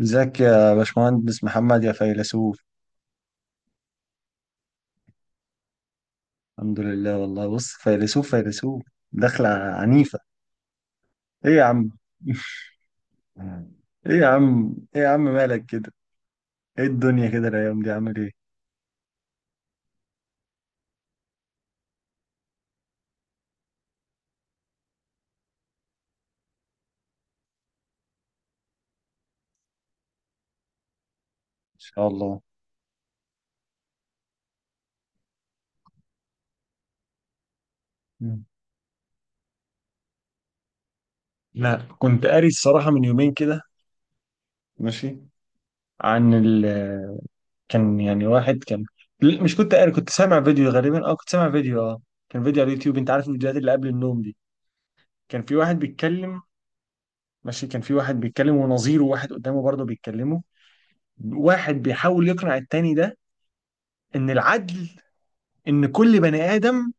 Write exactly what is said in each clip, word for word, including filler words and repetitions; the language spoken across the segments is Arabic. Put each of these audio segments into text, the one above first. ازيك يا باشمهندس محمد يا فيلسوف. الحمد لله والله. بص فيلسوف فيلسوف، دخلة عنيفة. ايه يا عم. ايه يا عم ايه يا عم مالك كده؟ ايه الدنيا كده الايام دي؟ عامل ايه؟ ان شاء الله. مم. لا، كنت قاري الصراحة من يومين كده. ماشي. عن ال كان يعني واحد كان لا، مش كنت قاري، كنت سامع فيديو غالبا، اه كنت سامع فيديو، اه كان فيديو على اليوتيوب. انت عارف الفيديوهات اللي قبل النوم دي، كان في واحد بيتكلم. ماشي، كان في واحد بيتكلم ونظيره واحد قدامه برضه بيتكلموا. واحد بيحاول يقنع التاني ده ان العدل، ان كل بني ادم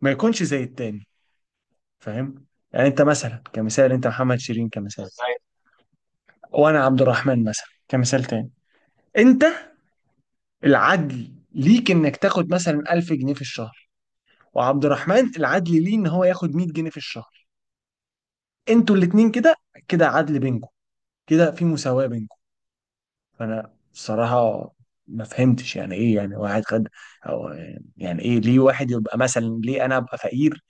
ما يكونش زي التاني، فاهم؟ يعني انت مثلا كمثال، انت محمد شيرين كمثال، وانا عبد الرحمن مثلا كمثال تاني. انت العدل ليك انك تاخد مثلا ألف جنيه في الشهر، وعبد الرحمن العدل ليه ان هو ياخد مية جنيه في الشهر. انتوا الاتنين كده، كده عدل بينكم، كده في مساواة بينكم. فانا بصراحة ما فهمتش يعني ايه. يعني واحد خد أو يعني ايه؟ ليه واحد يبقى مثلا، ليه انا ابقى فقير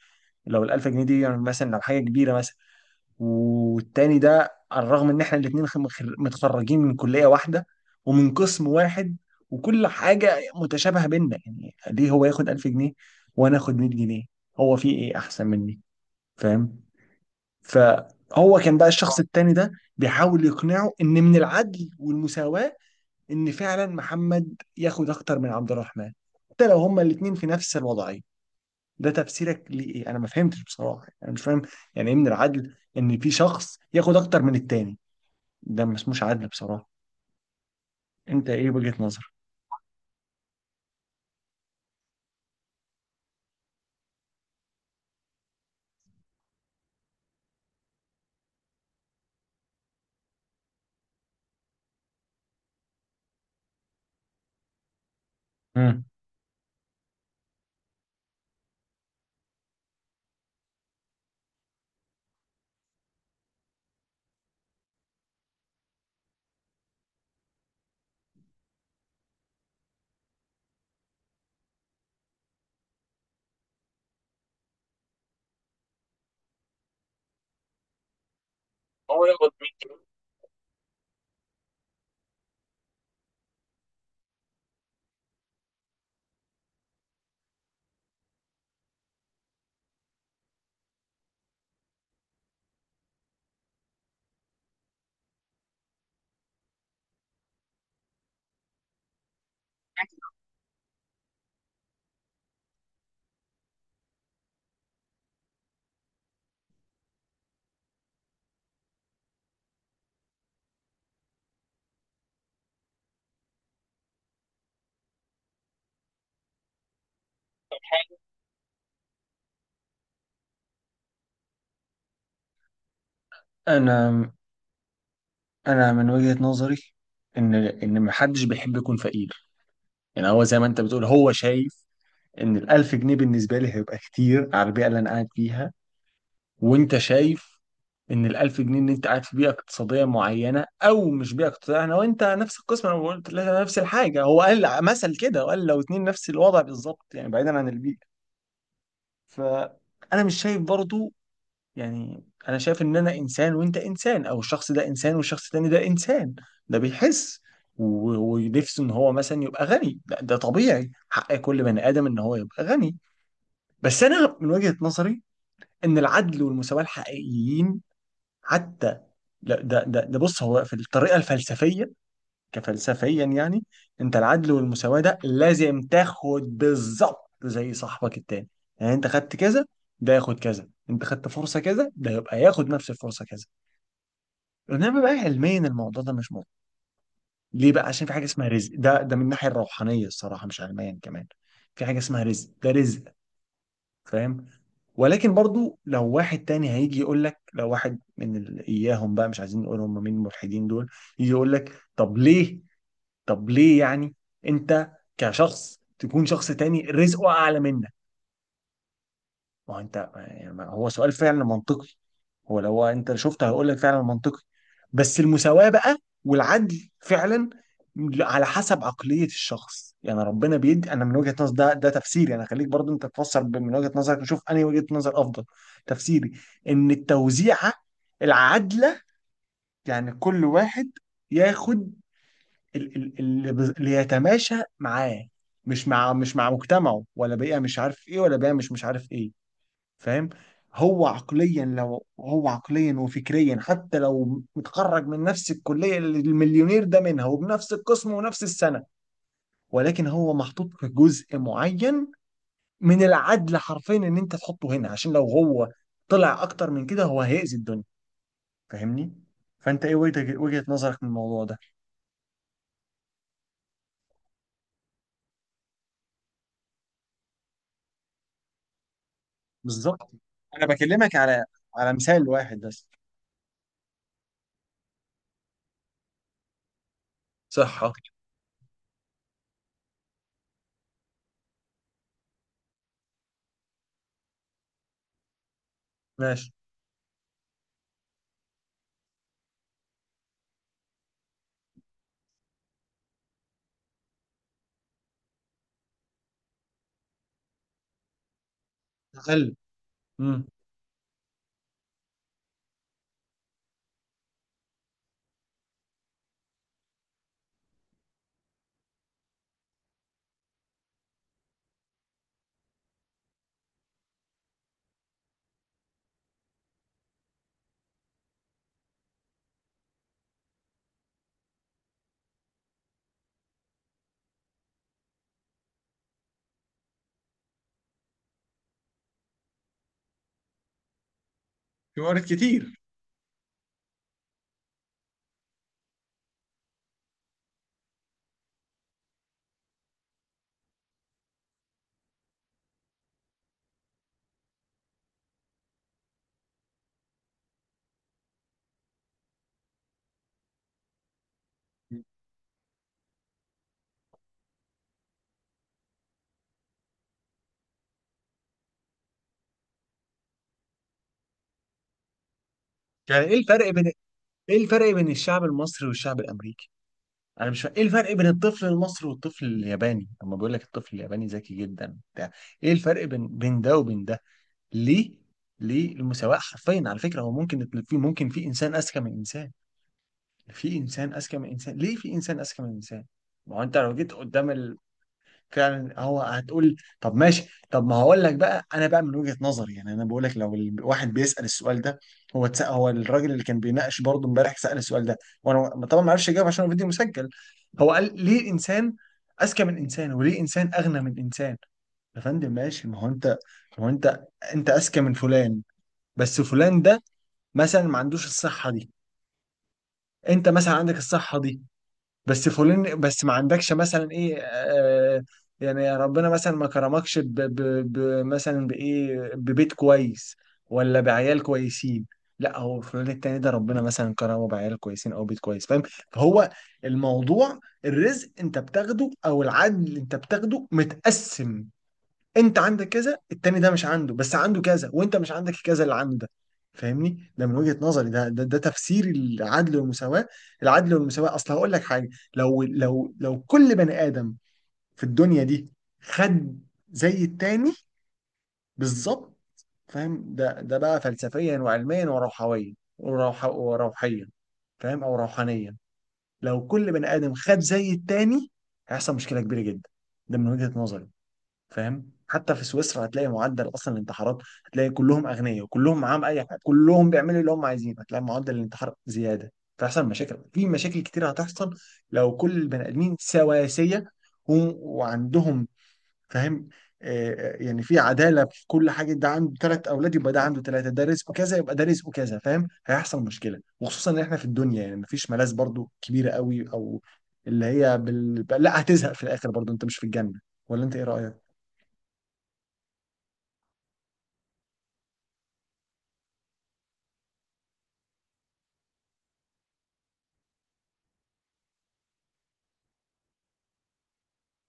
لو الألف جنيه دي يعني مثلا لو حاجة كبيرة مثلا، والتاني ده على الرغم إن إحنا الاتنين خ- مخر- متخرجين من كلية واحدة ومن قسم واحد وكل حاجة متشابهة بينا؟ يعني ليه هو ياخد ألف جنيه وأنا آخد مية جنيه؟ هو في إيه أحسن مني؟ فاهم؟ فهو كان بقى الشخص التاني ده بيحاول يقنعه إن من العدل والمساواة إن فعلا محمد ياخد أكتر من عبد الرحمن، حتى لو هما الاتنين في نفس الوضعية. ده تفسيرك لإيه؟ أنا ما فهمتش بصراحة، أنا مش فاهم يعني إيه من العدل إن في شخص ياخد أكتر من التاني. ده ما اسموش عدل بصراحة. أنت إيه وجهة نظرك؟ مم. هو يقبض مين؟ انا انا من وجهة نظري ان ان محدش بيحب يكون فقير. يعني هو زي ما انت بتقول، هو شايف ان الألف جنيه بالنسبة لي هيبقى كتير على البيئة اللي انا قاعد فيها، وانت شايف ان الألف جنيه، ان انت قاعد في بيئه اقتصاديه معينه. او مش بيئه اقتصاديه، انا وانت نفس القسم، انا قلت لها نفس الحاجه، هو قال مثل كده وقال لو اتنين نفس الوضع بالظبط يعني بعيدا عن البيئه. فانا مش شايف برضو، يعني انا شايف ان انا انسان وانت انسان، او الشخص ده انسان والشخص التاني ده انسان، ده بيحس و- ونفسه ان هو مثلا يبقى غني. ده, ده طبيعي حق كل بني ادم ان هو يبقى غني. بس انا من وجهة نظري ان العدل والمساواة الحقيقيين، حتى لا، ده ده ده بص، هو في الطريقه الفلسفيه، كفلسفيا يعني، انت العدل والمساواه ده لازم تاخد بالظبط زي صاحبك التاني. يعني انت خدت كذا ده ياخد كذا، انت خدت فرصه كذا ده يبقى ياخد نفس الفرصه كذا. انما بقى علميا الموضوع ده مش موجود. ليه بقى؟ عشان في حاجه اسمها رزق. ده ده من الناحيه الروحانيه الصراحه، مش علميا كمان، في حاجه اسمها رزق، ده رزق، فاهم؟ ولكن برضو لو واحد تاني هيجي يقول لك، لو واحد من ال... اياهم بقى، مش عايزين نقول هم مين، الملحدين دول، يجي يقول لك طب ليه؟ طب ليه يعني انت كشخص تكون شخص تاني رزقه اعلى منك؟ ما هو انت يعني، ما- هو سؤال فعلا منطقي، هو لو انت شفته هقول لك فعلا منطقي. بس المساواة بقى والعدل فعلا على حسب عقلية الشخص يعني. ربنا بيدي انا من وجهة نظر، ده ده تفسيري انا. خليك برضو انت تفسر ب- من وجهة نظرك، نشوف انهي وجهة نظر افضل. تفسيري ان التوزيعة العادلة يعني كل واحد ياخد ال- ال- اللي بز- اللي يتماشى معاه، مش مع مش مع مجتمعه ولا بيئة مش عارف ايه ولا بيئة مش مش عارف ايه، فاهم؟ هو عقليا، لو هو عقليا وفكريا حتى لو متخرج من نفس الكلية اللي المليونير ده منها وبنفس القسم ونفس السنة، ولكن هو محطوط في جزء معين. من العدل حرفيا ان انت تحطه هنا، عشان لو هو طلع اكتر من كده هو هيأذي الدنيا، فاهمني؟ فانت ايه وجهة وجهة نظرك من الموضوع ده؟ بالظبط، انا بكلمك على على مثال واحد بس. صحة. ماشي. أقل. امم. في موارد كتير. يعني ايه الفرق بين، ايه الفرق بين الشعب المصري والشعب الامريكي؟ انا مش فا... ايه الفرق بين الطفل المصري والطفل الياباني؟ اما بيقول لك الطفل الياباني ذكي جدا بتاع، ايه الفرق بين بين ده وبين ده؟ ليه؟ ليه المساواه حرفيا على فكره؟ هو ممكن يت- في ممكن في انسان اذكى من انسان، في انسان اذكى من انسان. ليه في انسان اذكى من انسان؟ ما هو انت لو جيت قدام فعلا هو هتقول، طب ماشي، طب ما هقول لك بقى انا. بقى من وجهة نظري، يعني انا بقول لك لو الواحد بيسأل السؤال ده، هو اتس- هو الراجل اللي كان بيناقش برضه امبارح سأل السؤال ده، وانا طبعا ما اعرفش اجاوب عشان هو الفيديو مسجل. هو قال ليه انسان اذكى من انسان وليه انسان اغنى من انسان؟ يا فندم ماشي، ما هو انت، ما هو انت، انت اذكى من فلان، بس فلان ده مثلا ما عندوش الصحة دي. انت مثلا عندك الصحة دي بس فلان، بس ما عندكش مثلا ايه، آه يعني ربنا مثلا ما كرمكش ب ب ب مثلا بايه؟ ببيت كويس ولا بعيال كويسين. لا، هو فلان التاني ده ربنا مثلا كرمه بعيال كويسين او بيت كويس، فاهم؟ فهو الموضوع، الرزق انت بتاخده او العدل انت بتاخده متقسم. انت عندك كذا، التاني ده مش عنده بس عنده كذا، وانت مش عندك كذا اللي عنده ده، فاهمني؟ ده من وجهة نظري، ده ده, ده تفسير العدل والمساواة. العدل والمساواة، اصل هقول لك حاجة، لو لو لو كل بني آدم في الدنيا دي خد زي التاني بالظبط، فاهم؟ ده ده بقى فلسفيا وعلميا وروحويا وروح وروحيا، فاهم؟ او روحانيا. لو كل بني آدم خد زي التاني هيحصل مشكلة كبيرة جدا، ده من وجهة نظري، فاهم؟ حتى في سويسرا هتلاقي معدل اصلا الانتحارات، هتلاقي كلهم اغنياء وكلهم معاهم اي حاجه، كلهم بيعملوا اللي هم عايزين، هتلاقي معدل الانتحار زياده. تحصل مشاكل، في مشاكل كتير هتحصل لو كل البني ادمين سواسيه و- وعندهم، فاهم؟ آه، آه، يعني في عداله في كل حاجه، ده عنده ثلاث اولاد يبقى ده عنده ثلاثه، ده رزقه كذا يبقى ده رزقه كذا، فاهم؟ هيحصل مشكله. وخصوصا ان احنا في الدنيا يعني مفيش ملاذ برضو كبيره قوي او اللي هي بال... لا، هتزهق في الاخر برضو، انت مش في الجنه. ولا انت ايه رايك؟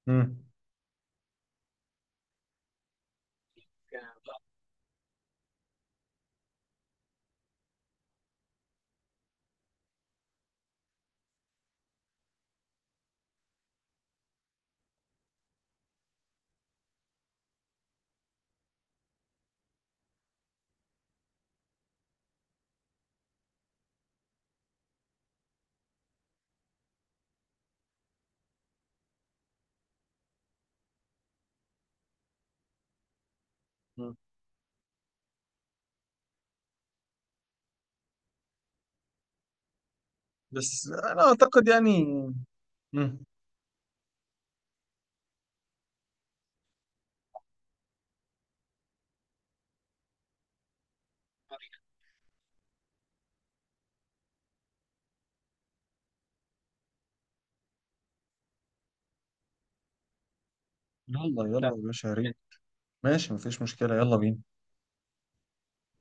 مم. مم. بس انا اعتقد يعني. مم. يلا يلا لا يا باشا، يا ريت. ماشي مفيش مشكلة، يلا بينا.